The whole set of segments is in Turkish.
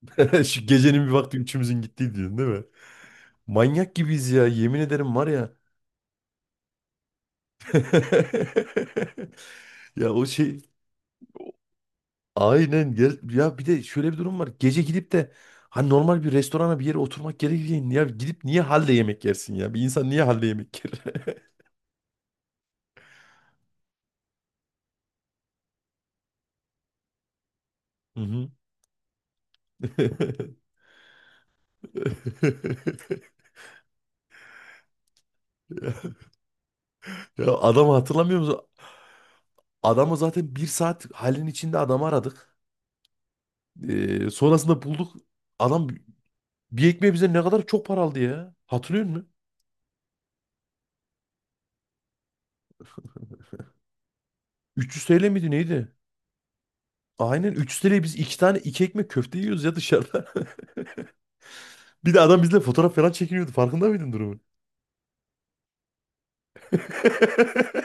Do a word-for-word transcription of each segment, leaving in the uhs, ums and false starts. Şu gecenin bir vakti üçümüzün gittiği diyorsun değil mi? Manyak gibiyiz ya yemin ederim var ya. Ya o şey aynen gel ya, bir de şöyle bir durum var. Gece gidip de hani normal bir restorana bir yere oturmak gerekirken ya gidip niye halde yemek yersin ya? Bir insan niye halde yemek yer? Hı hı. Ya, adamı hatırlamıyor musun? Adamı zaten bir saat halin içinde adamı aradık. Ee, sonrasında bulduk. Adam bir ekmeğe bize ne kadar çok para aldı ya. Hatırlıyor musun? üç yüz T L miydi neydi? Aynen üç yüz T L'ye biz iki tane iki ekmek köfte yiyoruz ya dışarıda. Bir de adam bizle fotoğraf falan çekiniyordu. Farkında mıydın durumu?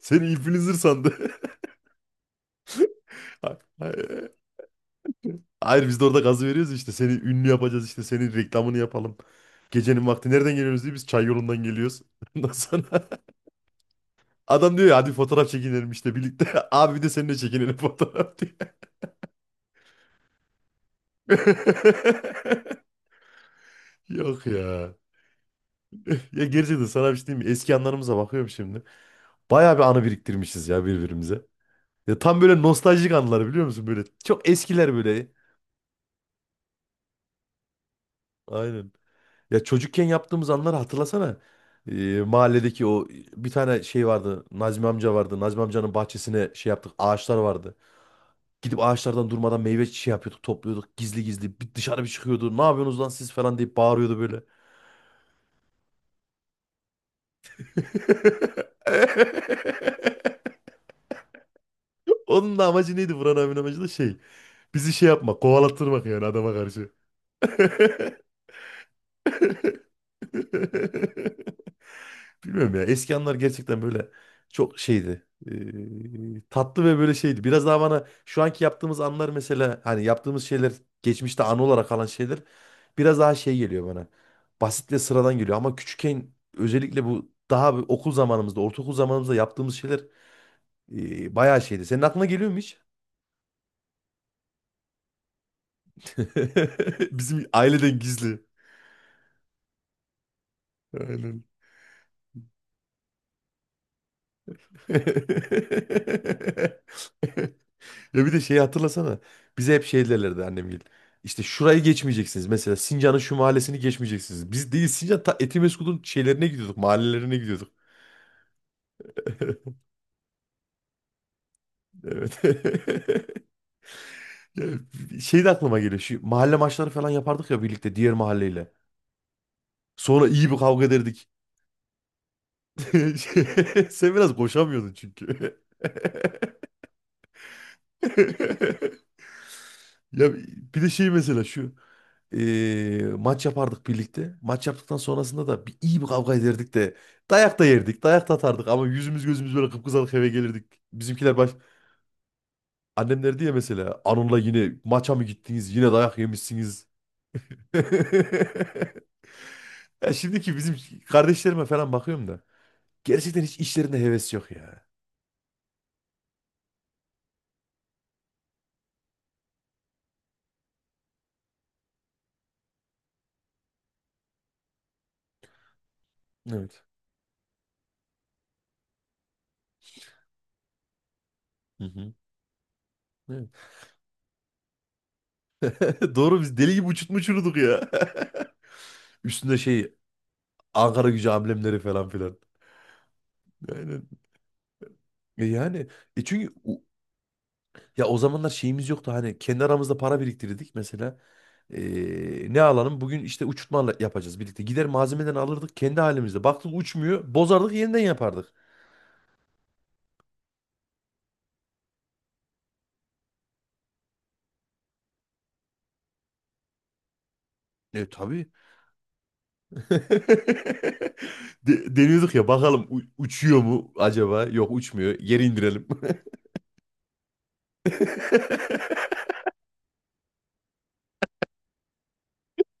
Seni influencer sandı. Ha- ha- Hayır, biz de orada gazı veriyoruz işte. Seni ünlü yapacağız işte. Senin reklamını yapalım. Gecenin vakti nereden geliyoruz diye, biz çay yolundan geliyoruz. Ondan sonra adam diyor ya hadi fotoğraf çekinelim işte birlikte. Abi bir de seninle çekinelim fotoğraf diye. Yok ya. Ya gerçekten sana bir şey diyeyim mi? Eski anılarımıza bakıyorum şimdi. Bayağı bir anı biriktirmişiz ya birbirimize. Ya tam böyle nostaljik anılar biliyor musun? Böyle çok eskiler böyle. Aynen. Ya çocukken yaptığımız anları hatırlasana. Ee, mahalledeki o bir tane şey vardı. Nazmi amca vardı. Nazmi amcanın bahçesine şey yaptık. Ağaçlar vardı. Gidip ağaçlardan durmadan meyve şey yapıyorduk, topluyorduk. Gizli gizli bir dışarı bir çıkıyordu. Ne yapıyorsunuz lan siz falan deyip bağırıyordu böyle. Onun da amacı neydi? Buran abinin amacı da şey. Bizi şey yapmak, kovalattırmak yani adama karşı. Bilmiyorum ya. Eski anlar gerçekten böyle çok şeydi. Ee, tatlı ve böyle şeydi. Biraz daha bana şu anki yaptığımız anlar mesela hani yaptığımız şeyler, geçmişte anı olarak kalan şeyler biraz daha şey geliyor bana. Basit ve sıradan geliyor ama küçükken, özellikle bu daha bir okul zamanımızda, ortaokul zamanımızda yaptığımız şeyler e, bayağı şeydi. Senin aklına geliyor mu hiç? Bizim aileden gizli. Aynen. Ya bir de şeyi hatırlasana. Bize hep şey derlerdi annemgil. İşte şurayı geçmeyeceksiniz. Mesela Sincan'ın şu mahallesini geçmeyeceksiniz. Biz değil Sincan ta Etimesgut'un şeylerine gidiyorduk. Mahallelerine gidiyorduk. Evet. Ya şey de aklıma geliyor. Şu mahalle maçları falan yapardık ya birlikte diğer mahalleyle. Sonra iyi bir kavga ederdik. Sen biraz koşamıyordun çünkü. Ya bir de şey mesela şu eee, maç yapardık birlikte. Maç yaptıktan sonrasında da bir iyi bir kavga ederdik de, dayak da yerdik, dayak da atardık ama yüzümüz gözümüz böyle kıpkızarık eve gelirdik. Bizimkiler baş, annem derdi ya mesela Anun'la yine maça mı gittiniz, yine dayak yemişsiniz. Ya şimdiki bizim kardeşlerime falan bakıyorum da gerçekten hiç işlerinde heves yok ya. Evet. Hı hı. Evet. Doğru, biz deli gibi uçutmuşurduk ya. Üstünde şey, Ankara Gücü amblemleri falan filan. Aynen. E yani, e çünkü o- ya o zamanlar şeyimiz yoktu hani, kendi aramızda para biriktirdik mesela. E, ne alalım? Bugün işte uçurtma yapacağız birlikte. Gider malzemeden alırdık kendi halimizde. Baktık uçmuyor, bozardık yeniden yapardık. E tabii. De- deniyorduk ya bakalım u- uçuyor mu acaba? Yok uçmuyor. Geri indirelim.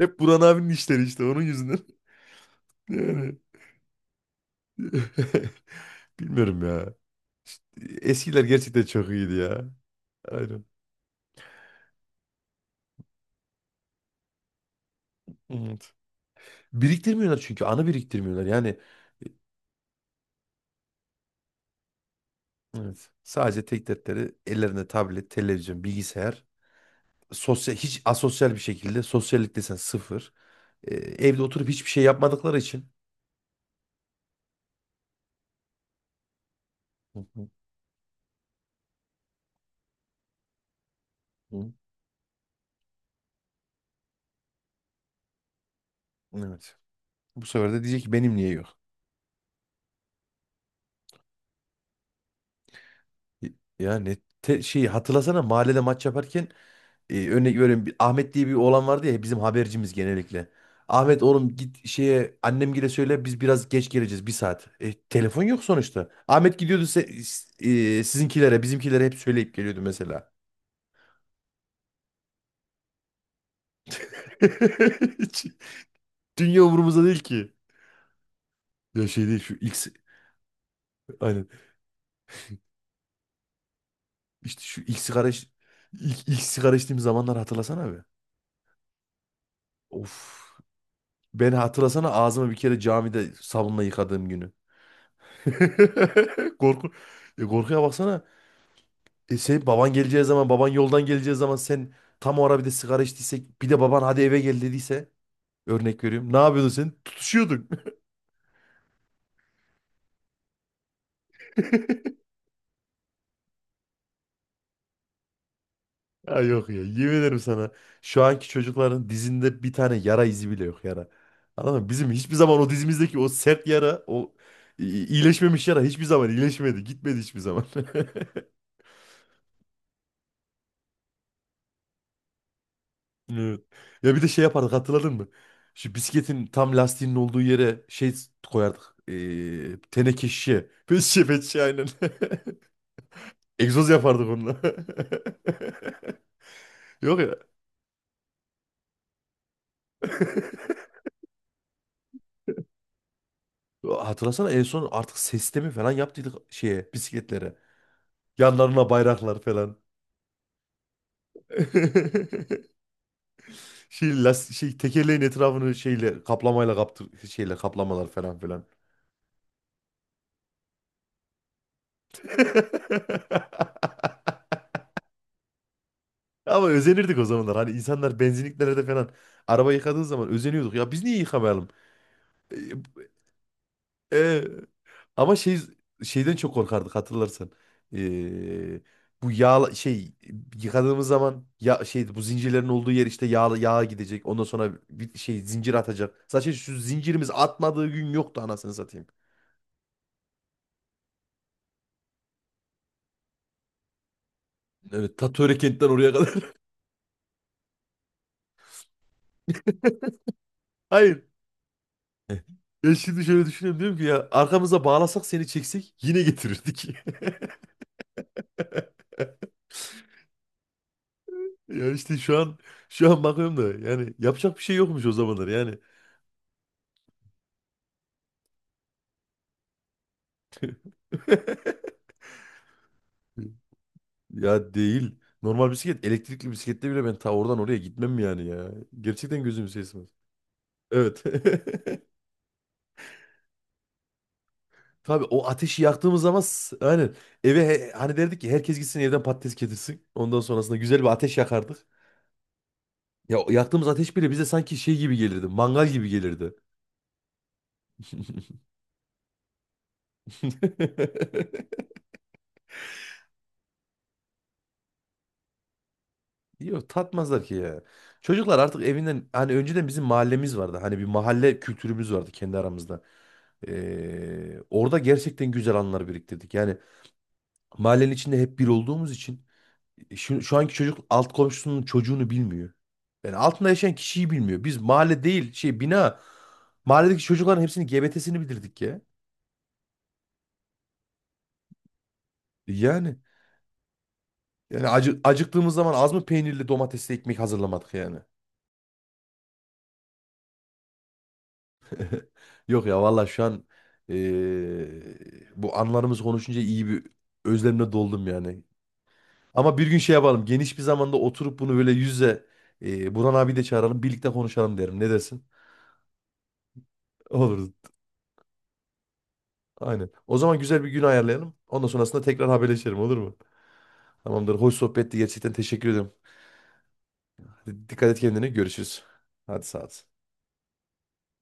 Hep Buran abinin işleri işte onun yüzünden. Yani bilmiyorum ya. İşte, eskiler gerçekten çok iyiydi ya. Aynen. Biriktirmiyorlar çünkü, anı biriktirmiyorlar. Yani e, evet, sadece tek dertleri ellerinde tablet, televizyon, bilgisayar. Sosyal, hiç asosyal bir şekilde, sosyallik desen sıfır. E, evde oturup hiçbir şey yapmadıkları için. Hı hı hı. Evet. Bu sefer de diyecek ki benim niye yok? Y- Ya ne te- şeyi hatırlasana mahallede maç yaparken, E, örnek veriyorum bir- Ahmet diye bir oğlan vardı ya, bizim habercimiz genellikle. Ahmet oğlum git şeye annemgile söyle biz biraz geç geleceğiz bir saat. E, telefon yok sonuçta. Ahmet gidiyordu se- s- e, sizinkilere bizimkilere hep söyleyip geliyordu mesela. Hiç dünya umurumuzda değil ki. Ya şey değil, şu ilk si- aynen işte şu ilk sigara iç- ilk, ilk sigara içtiğim zamanlar hatırlasana abi. Of, ben hatırlasana ağzımı bir kere camide sabunla yıkadığım günü. Korku, e, korkuya baksana. E sen, baban geleceği zaman, baban yoldan geleceği zaman sen tam o ara bir de sigara içtiysek, bir de baban hadi eve gel dediyse örnek veriyorum. Ne yapıyordun sen? Tutuşuyordun. Ha yok ya, yemin ederim sana. Şu anki çocukların dizinde bir tane yara izi bile yok, yara. Anladın mı? Bizim hiçbir zaman o dizimizdeki o sert yara, o i- iyileşmemiş yara hiçbir zaman iyileşmedi. Gitmedi hiçbir zaman. Evet. Ya bir de şey yapardık hatırladın mı? Şu bisikletin tam lastiğinin olduğu yere şey koyardık. Ee, teneke şişe. Pet şişe pet şişe aynen. Egzoz yapardık onunla. Yok ya. Hatırlasana en son artık sistemi falan yaptıydık şeye, bisikletlere. Yanlarına bayraklar falan. Şey, las şey tekerleğin etrafını şeyle kaplamayla kaptır, şeyle kaplamalar falan filan. Ama özenirdik o zamanlar. Hani insanlar benzinliklerde falan araba yıkadığı zaman özeniyorduk. Ya biz niye yıkamayalım? E, Ee, ama şey, şeyden çok korkardık hatırlarsan. Ee, bu yağ şey, yıkadığımız zaman ya şey bu zincirlerin olduğu yer işte yağ, yağ gidecek. Ondan sonra bir şey, zincir atacak. Zaten şu zincirimiz atmadığı gün yoktu anasını satayım. Evet, Tatöre kentten oraya kadar. Hayır. Eh. Ya şimdi şöyle düşünüyorum, diyorum ki ya arkamıza bağlasak seni çeksek yine getirirdik. Ya işte şu an şu an bakıyorum da yani yapacak bir şey yokmuş o zamanlar yani. Ya değil. Normal bisiklet, elektrikli bisiklette bile ben ta oradan oraya gitmem yani ya. Gerçekten gözüm sesmez. Evet. Tabii o ateşi yaktığımız zaman s- aynen eve, he- hani derdik ki herkes gitsin evden patates getirsin. Ondan sonrasında güzel bir ateş yakardık. Ya o yaktığımız ateş bile bize sanki şey gibi gelirdi, mangal gibi gelirdi. Yok, tatmazlar ki ya. Çocuklar artık evinden, hani önceden bizim mahallemiz vardı. Hani bir mahalle kültürümüz vardı kendi aramızda. Ee, orada gerçekten güzel anılar biriktirdik. Yani mahallenin içinde hep bir olduğumuz için e, şu, şu anki çocuk alt komşusunun çocuğunu bilmiyor. Yani altında yaşayan kişiyi bilmiyor. Biz mahalle değil, şey bina, mahalledeki çocukların hepsinin G B T'sini bildirdik ya. E, yani, yani acı, acıktığımız zaman az mı peynirli domatesli ekmek hazırlamadık yani. Yok ya vallahi, şu an eee, bu anlarımız konuşunca iyi bir özlemle doldum yani. Ama bir gün şey yapalım, geniş bir zamanda oturup bunu böyle yüz yüze, eee Burhan abi de çağıralım birlikte konuşalım derim. Ne dersin? Olur. Aynen. O zaman güzel bir gün ayarlayalım. Ondan sonrasında tekrar haberleşelim, olur mu? Tamamdır. Hoş sohbetti. Gerçekten teşekkür ederim. Hadi dikkat et kendine. Görüşürüz. Hadi sağ ol.